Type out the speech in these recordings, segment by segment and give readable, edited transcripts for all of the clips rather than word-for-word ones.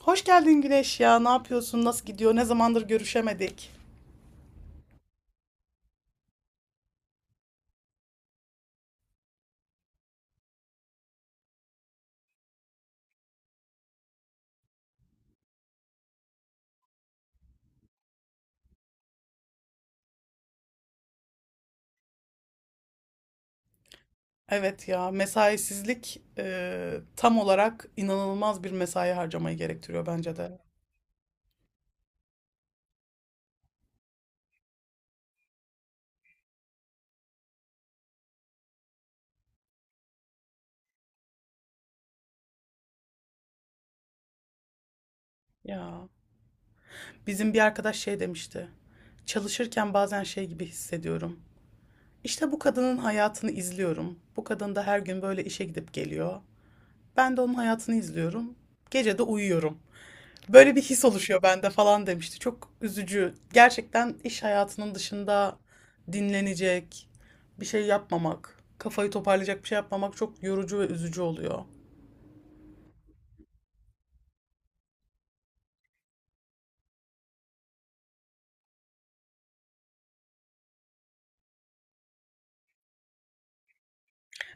Hoş geldin Güneş ya. Ne yapıyorsun? Nasıl gidiyor? Ne zamandır görüşemedik? Evet ya, mesaisizlik tam olarak inanılmaz bir mesai harcamayı gerektiriyor bence de. Ya bizim bir arkadaş şey demişti. Çalışırken bazen şey gibi hissediyorum. İşte bu kadının hayatını izliyorum. Bu kadın da her gün böyle işe gidip geliyor. Ben de onun hayatını izliyorum. Gece de uyuyorum. Böyle bir his oluşuyor bende falan demişti. Çok üzücü. Gerçekten iş hayatının dışında dinlenecek, bir şey yapmamak, kafayı toparlayacak bir şey yapmamak çok yorucu ve üzücü oluyor.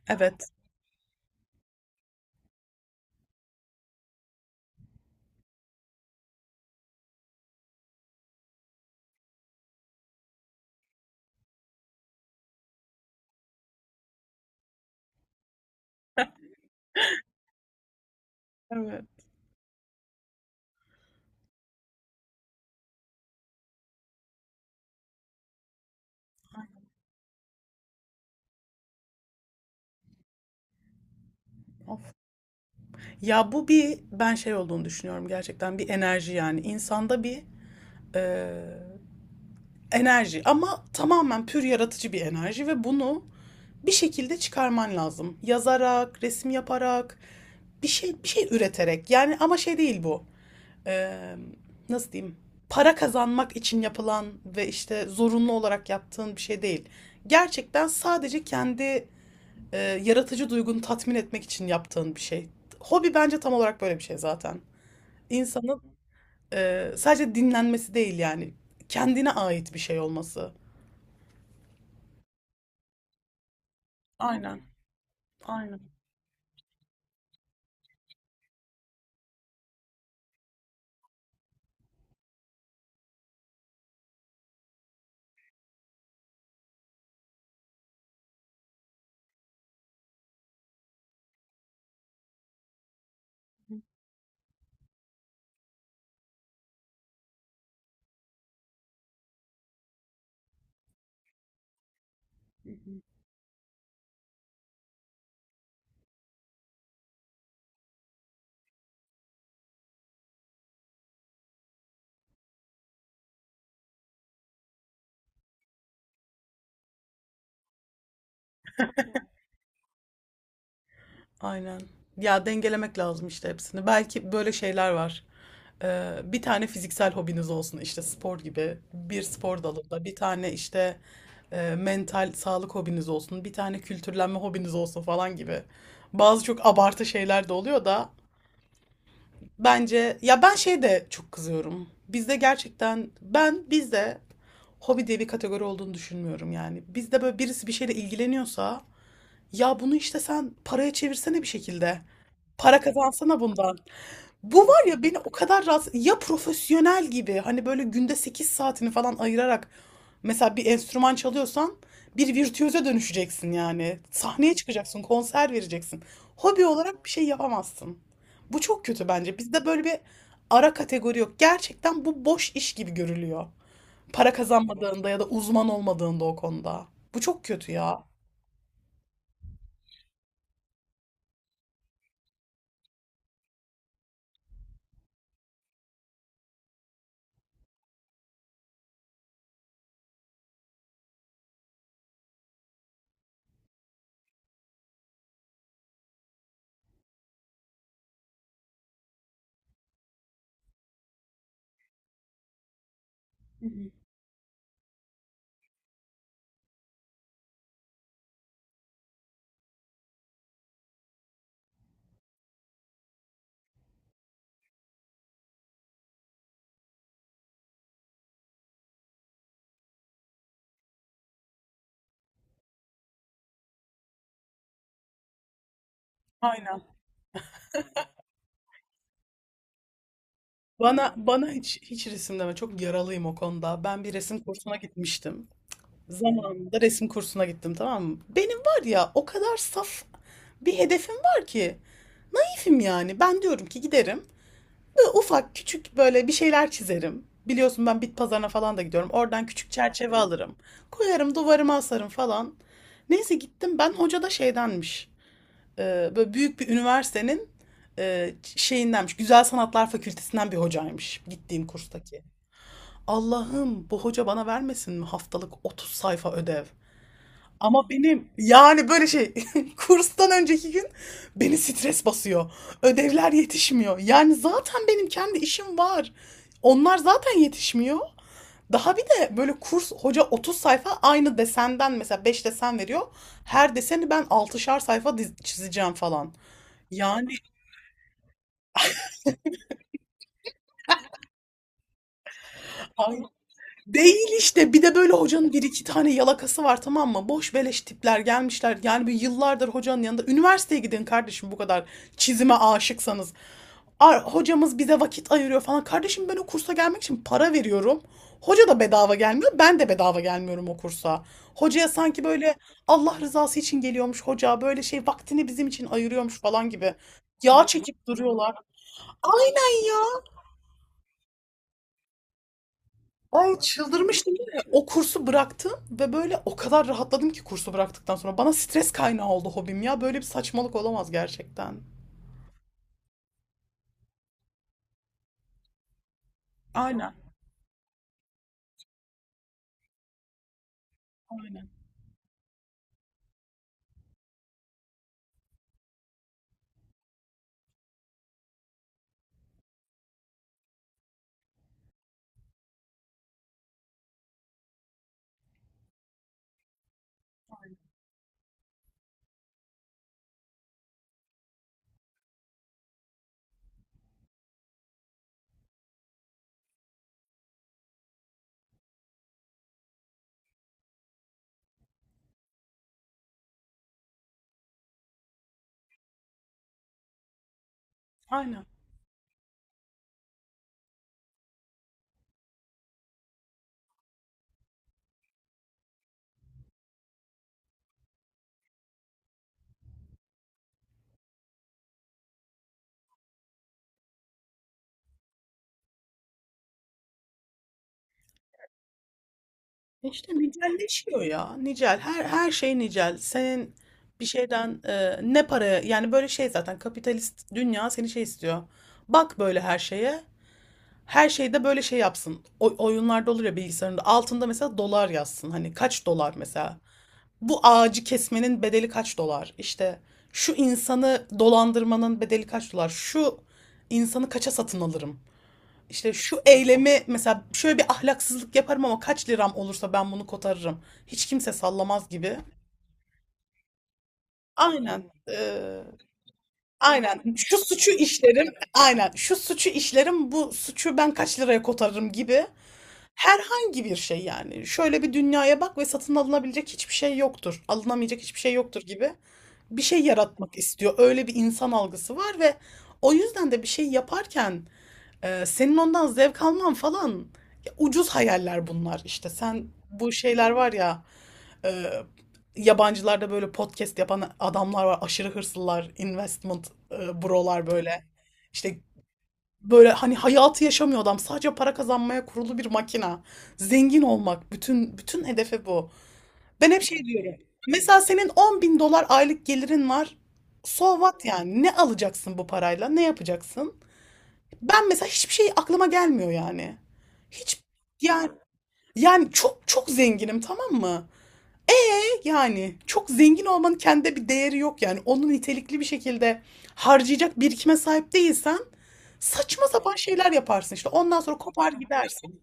Evet. Evet. Of. Ya bu bir ben şey olduğunu düşünüyorum, gerçekten bir enerji yani insanda bir e, enerji, ama tamamen pür yaratıcı bir enerji ve bunu bir şekilde çıkarman lazım. Yazarak, resim yaparak, bir şey bir şey üreterek yani, ama şey değil bu. eee, nasıl diyeyim, para kazanmak için yapılan ve işte zorunlu olarak yaptığın bir şey değil. Gerçekten sadece kendi yaratıcı duygunu tatmin etmek için yaptığın bir şey. Hobi bence tam olarak böyle bir şey zaten. İnsanın sadece dinlenmesi değil yani, kendine ait bir şey olması. Aynen, aynen. Aynen. Ya dengelemek lazım işte hepsini. Belki böyle şeyler var. Bir tane fiziksel hobiniz olsun işte, spor gibi bir spor dalında. Bir tane işte mental sağlık hobiniz olsun. Bir tane kültürlenme hobiniz olsun falan gibi. Bazı çok abartı şeyler de oluyor da bence ya, ben şey de çok kızıyorum. Bizde gerçekten, ben bizde hobi diye bir kategori olduğunu düşünmüyorum yani. Bizde böyle birisi bir şeyle ilgileniyorsa, ya bunu işte sen paraya çevirsene bir şekilde. Para kazansana bundan. Bu var ya beni o kadar rahatsız... Ya profesyonel gibi, hani böyle günde 8 saatini falan ayırarak, mesela bir enstrüman çalıyorsan bir virtüöze dönüşeceksin yani. Sahneye çıkacaksın, konser vereceksin. Hobi olarak bir şey yapamazsın. Bu çok kötü bence. Bizde böyle bir ara kategori yok. Gerçekten bu boş iş gibi görülüyor. Para kazanmadığında ya da uzman olmadığında o konuda. Bu çok kötü ya. Hı hı. Aynen. Bana hiç hiç resim deme. Çok yaralıyım o konuda. Ben bir resim kursuna gitmiştim. Zamanında resim kursuna gittim, tamam mı? Benim var ya o kadar saf bir hedefim var ki. Keyfim yani. Ben diyorum ki giderim. Ufak küçük böyle bir şeyler çizerim. Biliyorsun ben bit pazarına falan da gidiyorum. Oradan küçük çerçeve alırım. Koyarım, duvarıma asarım falan. Neyse, gittim ben, hoca da şeydenmiş. Böyle büyük bir üniversitenin şeyindenmiş. Güzel Sanatlar Fakültesinden bir hocaymış gittiğim kurstaki. Allah'ım, bu hoca bana vermesin mi haftalık 30 sayfa ödev? Ama benim yani böyle şey, kurstan önceki gün beni stres basıyor. Ödevler yetişmiyor. Yani zaten benim kendi işim var. Onlar zaten yetişmiyor. Daha bir de böyle kurs hoca 30 sayfa aynı desenden mesela 5 desen veriyor. Her deseni ben altışar sayfa çizeceğim falan. Yani değil işte. Bir de böyle hocanın bir iki tane yalakası var, tamam mı? Boş beleş tipler gelmişler. Yani bir yıllardır hocanın yanında. Üniversiteye gidin kardeşim, bu kadar çizime aşıksanız. Hocamız bize vakit ayırıyor falan. Kardeşim, ben o kursa gelmek için para veriyorum. Hoca da bedava gelmiyor. Ben de bedava gelmiyorum o kursa. Hocaya sanki böyle Allah rızası için geliyormuş hoca. Böyle şey, vaktini bizim için ayırıyormuş falan gibi. Yağ çekip duruyorlar. Aynen ya. Ay çıldırmıştım değil mi? O kursu bıraktım ve böyle o kadar rahatladım ki kursu bıraktıktan sonra. Bana stres kaynağı oldu hobim ya. Böyle bir saçmalık olamaz gerçekten. Aynen, aynen, aynen. İşte nicelleşiyor ya. Nicel. Her şey nicel. Senin bir şeyden ne paraya yani, böyle şey zaten kapitalist dünya seni şey istiyor. Bak böyle her şeye. Her şeyde böyle şey yapsın. O, oyunlarda olur ya, bilgisayarında. Altında mesela dolar yazsın. Hani kaç dolar mesela. Bu ağacı kesmenin bedeli kaç dolar? İşte şu insanı dolandırmanın bedeli kaç dolar? Şu insanı kaça satın alırım? İşte şu eylemi, mesela şöyle bir ahlaksızlık yaparım ama kaç liram olursa ben bunu kotarırım. Hiç kimse sallamaz gibi. Aynen. Aynen. Şu suçu işlerim, aynen. Şu suçu işlerim, bu suçu ben kaç liraya kotarırım gibi. Herhangi bir şey yani. Şöyle bir dünyaya bak ve satın alınabilecek hiçbir şey yoktur. Alınamayacak hiçbir şey yoktur gibi bir şey yaratmak istiyor. Öyle bir insan algısı var ve o yüzden de bir şey yaparken senin ondan zevk alman falan, ya ucuz hayaller bunlar işte. Sen, bu şeyler var ya, e, yabancılarda böyle podcast yapan adamlar var. Aşırı hırslılar, investment brolar böyle. İşte böyle hani hayatı yaşamıyor adam. Sadece para kazanmaya kurulu bir makina. Zengin olmak. Bütün hedefi bu. Ben hep şey diyorum. Mesela senin 10 bin dolar aylık gelirin var. So what yani? Ne alacaksın bu parayla? Ne yapacaksın? Ben mesela hiçbir şey aklıma gelmiyor yani. Hiç yani yani çok çok zenginim, tamam mı? E Yani çok zengin olmanın kendi bir değeri yok yani. Onu nitelikli bir şekilde harcayacak birikime sahip değilsen saçma sapan şeyler yaparsın işte. Ondan sonra kopar gidersin.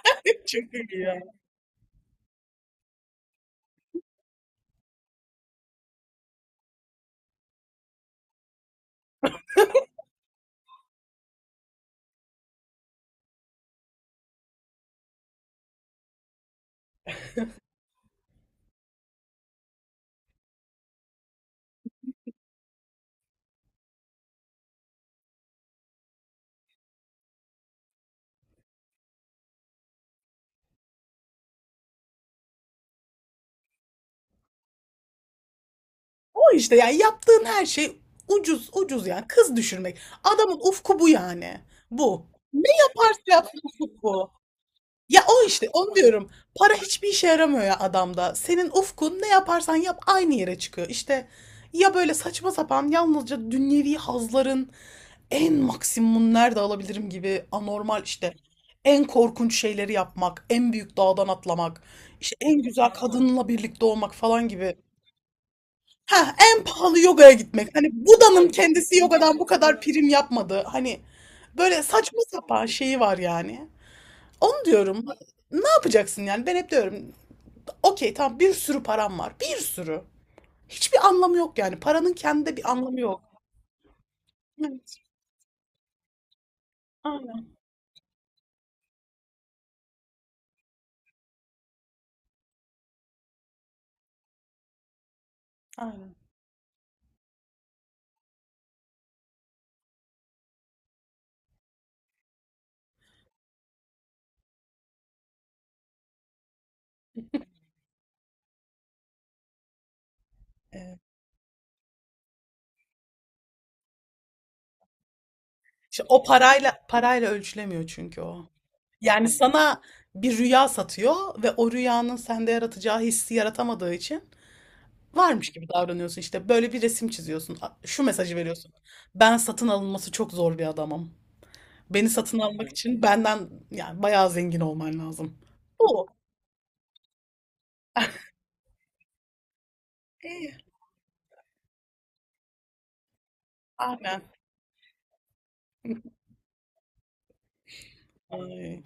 Çok iyi ya. O işte yani yaptığın her şey ucuz ucuz, yani kız düşürmek. Adamın ufku bu yani. Bu. Ne yaparsa yapsın ufku bu. Ya o işte, onu diyorum. Para hiçbir işe yaramıyor ya adamda. Senin ufkun ne yaparsan yap aynı yere çıkıyor. İşte ya böyle saçma sapan, yalnızca dünyevi hazların en maksimum nerede alabilirim gibi, anormal işte en korkunç şeyleri yapmak, en büyük dağdan atlamak, işte en güzel kadınla birlikte olmak falan gibi. Ha, en pahalı yogaya gitmek. Hani Buda'nın kendisi yogadan bu kadar prim yapmadı. Hani böyle saçma sapan şeyi var yani. Onu diyorum. Ne yapacaksın yani? Ben hep diyorum. Okey tamam, bir sürü param var. Bir sürü. Hiçbir anlamı yok yani. Paranın kendinde bir anlamı yok. Evet, aynen, aynen. Evet. İşte o parayla ölçülemiyor çünkü o. Yani sana bir rüya satıyor ve o rüyanın sende yaratacağı hissi yaratamadığı için varmış gibi davranıyorsun. İşte böyle bir resim çiziyorsun. Şu mesajı veriyorsun. Ben satın alınması çok zor bir adamım. Beni satın almak için benden yani bayağı zengin olman lazım. Bu. İyi. Aynen. Ay,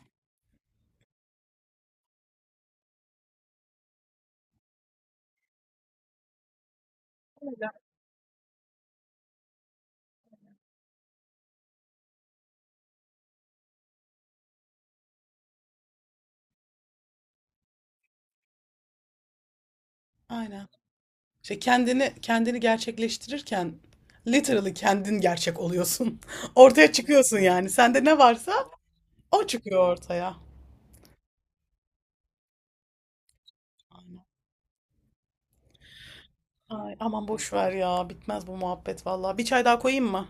aynen. İşte kendini gerçekleştirirken literally kendin gerçek oluyorsun. Ortaya çıkıyorsun yani. Sende ne varsa o çıkıyor ortaya. Aynen. Ay, aman boş ver ya. Bitmez bu muhabbet vallahi. Bir çay daha koyayım mı?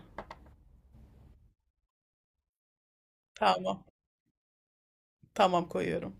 Tamam. Tamam koyuyorum.